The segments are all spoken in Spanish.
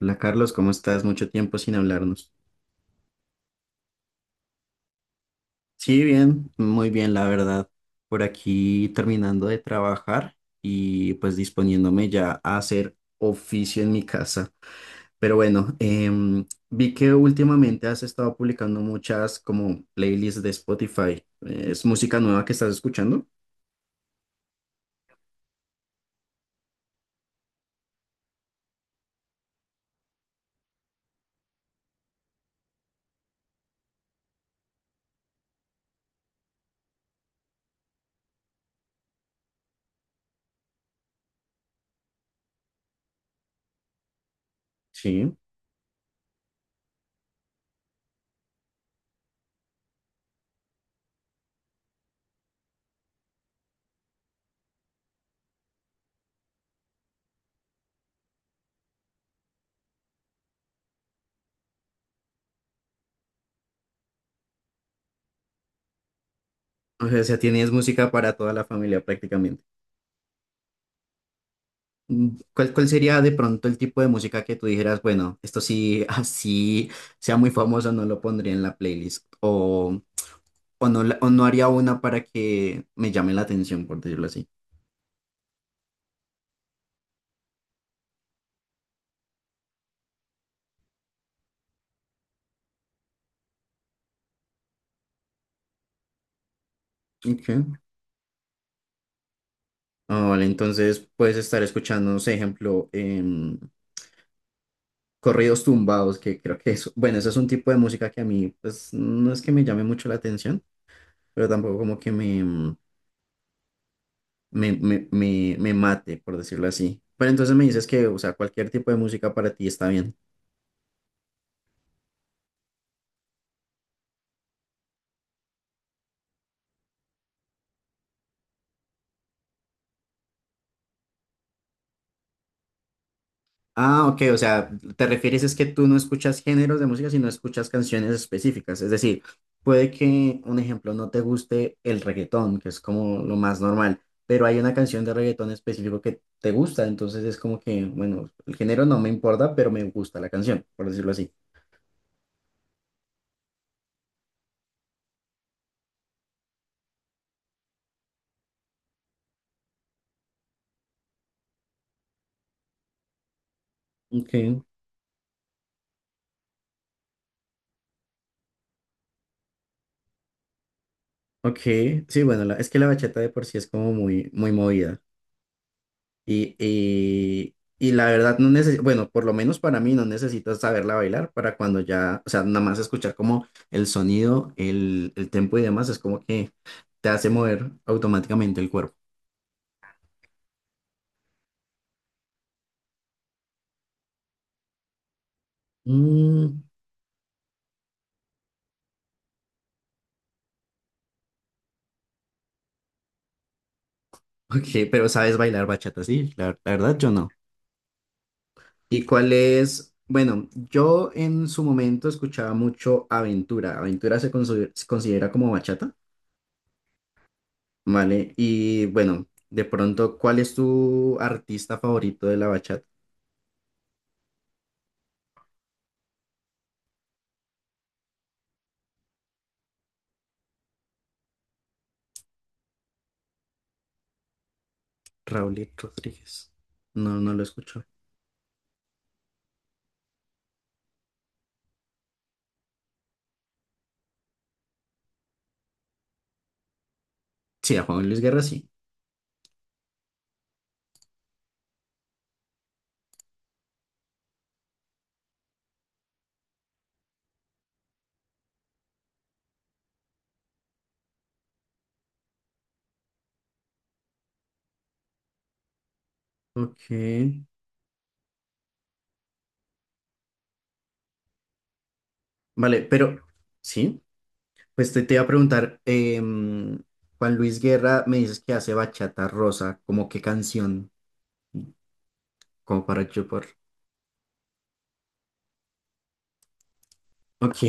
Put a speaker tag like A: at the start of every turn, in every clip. A: Hola Carlos, ¿cómo estás? Mucho tiempo sin hablarnos. Sí, bien, muy bien, la verdad. Por aquí terminando de trabajar y pues disponiéndome ya a hacer oficio en mi casa. Pero bueno, vi que últimamente has estado publicando muchas como playlists de Spotify. ¿Es música nueva que estás escuchando? Sí. O sea, tienes música para toda la familia prácticamente. ¿Cuál, cuál sería de pronto el tipo de música que tú dijeras, bueno, esto sí, así sea muy famoso, no lo pondría en la playlist? O, no, o no haría una para que me llame la atención, por decirlo así. Okay. Ah, vale, entonces puedes estar escuchando, no sé, ejemplo, corridos tumbados, que creo que es, bueno, eso es un tipo de música que a mí, pues, no es que me llame mucho la atención, pero tampoco como que me mate, por decirlo así. Pero entonces me dices que, o sea, cualquier tipo de música para ti está bien. Ah, ok, o sea, te refieres es que tú no escuchas géneros de música, sino escuchas canciones específicas. Es decir, puede que, un ejemplo, no te guste el reggaetón, que es como lo más normal, pero hay una canción de reggaetón específico que te gusta, entonces es como que, bueno, el género no me importa, pero me gusta la canción, por decirlo así. Ok, ok, sí, bueno, es que la bachata de por sí es como muy, muy movida. Y, y, y la verdad no necesito, bueno, por lo menos para mí no necesitas saberla bailar para cuando ya, o sea, nada más escuchar como el sonido, el tempo y demás, es como que te hace mover automáticamente el cuerpo. Mm, ok, pero sabes bailar bachata, sí, la verdad yo no. ¿Y cuál es? Bueno, yo en su momento escuchaba mucho Aventura. Aventura se considera como bachata, ¿vale? Y bueno, de pronto, ¿cuál es tu artista favorito de la bachata? Raúl Rodríguez. No, no lo escucho. Sí, a Juan Luis Guerra sí. Ok. Vale, pero sí, pues te iba a preguntar, Juan Luis Guerra me dices que hace bachata rosa, ¿como qué canción? Como para yo por... Ok,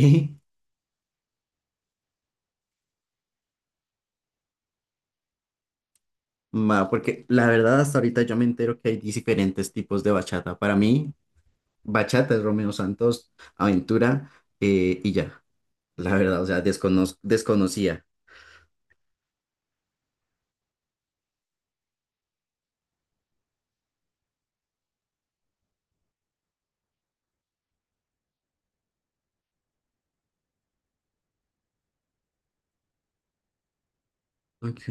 A: va, porque la verdad hasta ahorita yo me entero que hay diferentes tipos de bachata. Para mí, bachata es Romeo Santos, Aventura, y ya. La verdad, o sea, desconocía. Ok,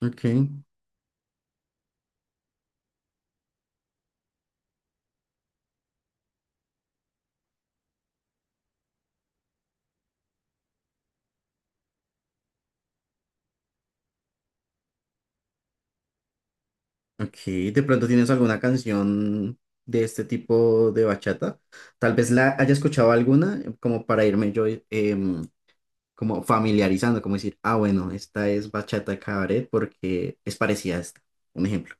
A: ok. Ok, de pronto tienes alguna canción de este tipo de bachata. Tal vez la haya escuchado alguna, como para irme yo como familiarizando, como decir, ah, bueno, esta es bachata cabaret porque es parecida a esta. Un ejemplo.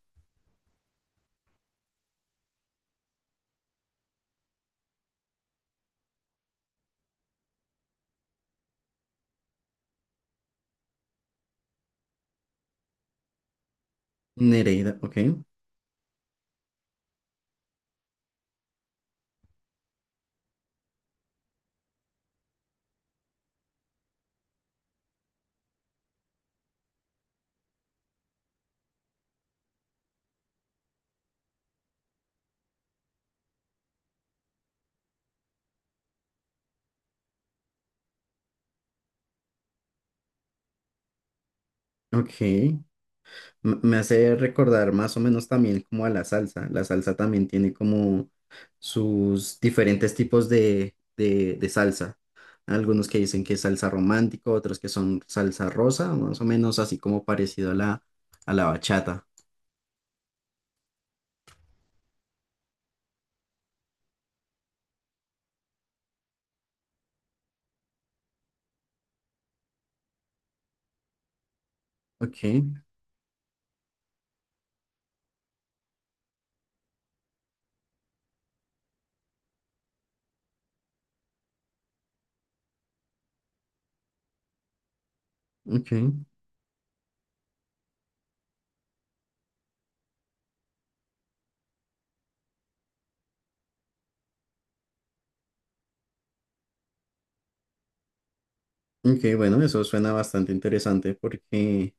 A: Nereida, ok. Ok. Me hace recordar más o menos también como a la salsa. La salsa también tiene como sus diferentes tipos de salsa. Algunos que dicen que es salsa romántico, otros que son salsa rosa, más o menos así como parecido a a la bachata. Ok, ok, ok, bueno, eso suena bastante interesante porque.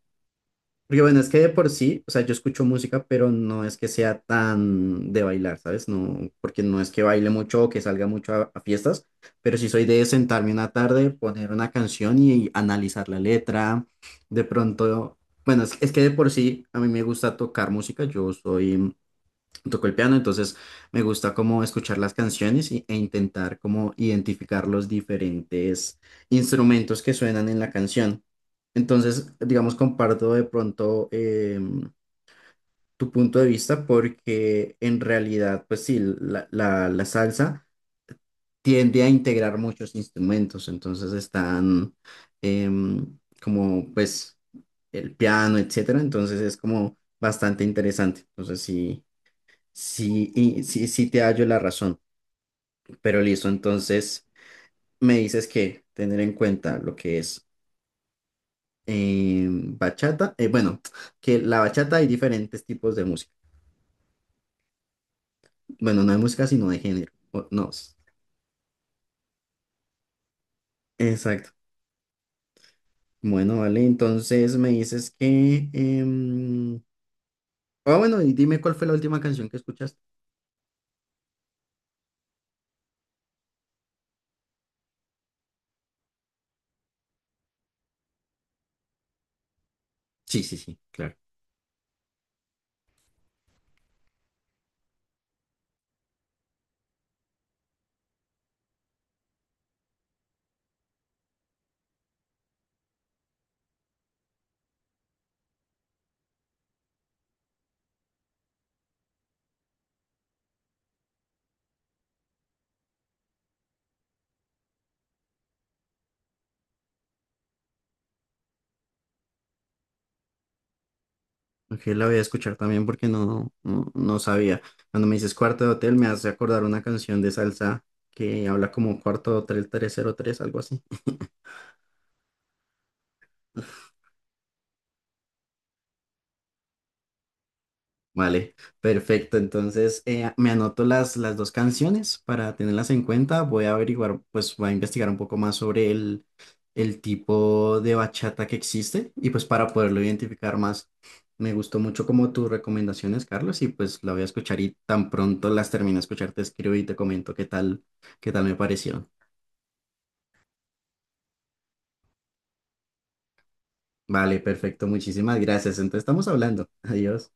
A: Porque bueno, es que de por sí, o sea, yo escucho música, pero no es que sea tan de bailar, ¿sabes? No, porque no es que baile mucho o que salga mucho a fiestas, pero sí soy de sentarme una tarde, poner una canción y analizar la letra. De pronto, bueno, es que de por sí a mí me gusta tocar música, yo soy, toco el piano, entonces me gusta como escuchar las canciones e intentar como identificar los diferentes instrumentos que suenan en la canción. Entonces, digamos, comparto de pronto tu punto de vista porque en realidad, pues sí, la salsa tiende a integrar muchos instrumentos, entonces están como pues el piano, etcétera, entonces es como bastante interesante. Entonces, sí. Sí, y sí, sí te hallo la razón, pero listo, entonces me dices que tener en cuenta lo que es bachata, bueno, que la bachata hay diferentes tipos de música, bueno, no de música, sino de género, no, exacto, bueno, vale, entonces me dices que, ah, bueno, y dime cuál fue la última canción que escuchaste. Sí, sí, sí, claro. Ok, la voy a escuchar también porque no, no, no sabía. Cuando me dices cuarto de hotel, me hace acordar una canción de salsa que habla como cuarto de hotel 303, algo así. Vale, perfecto. Entonces, me anoto las dos canciones para tenerlas en cuenta. Voy a averiguar, pues voy a investigar un poco más sobre el tipo de bachata que existe y pues para poderlo identificar más. Me gustó mucho como tus recomendaciones, Carlos, y pues la voy a escuchar y tan pronto las termine de escuchar, te escribo y te comento qué tal me parecieron. Vale, perfecto. Muchísimas gracias. Entonces, estamos hablando. Adiós.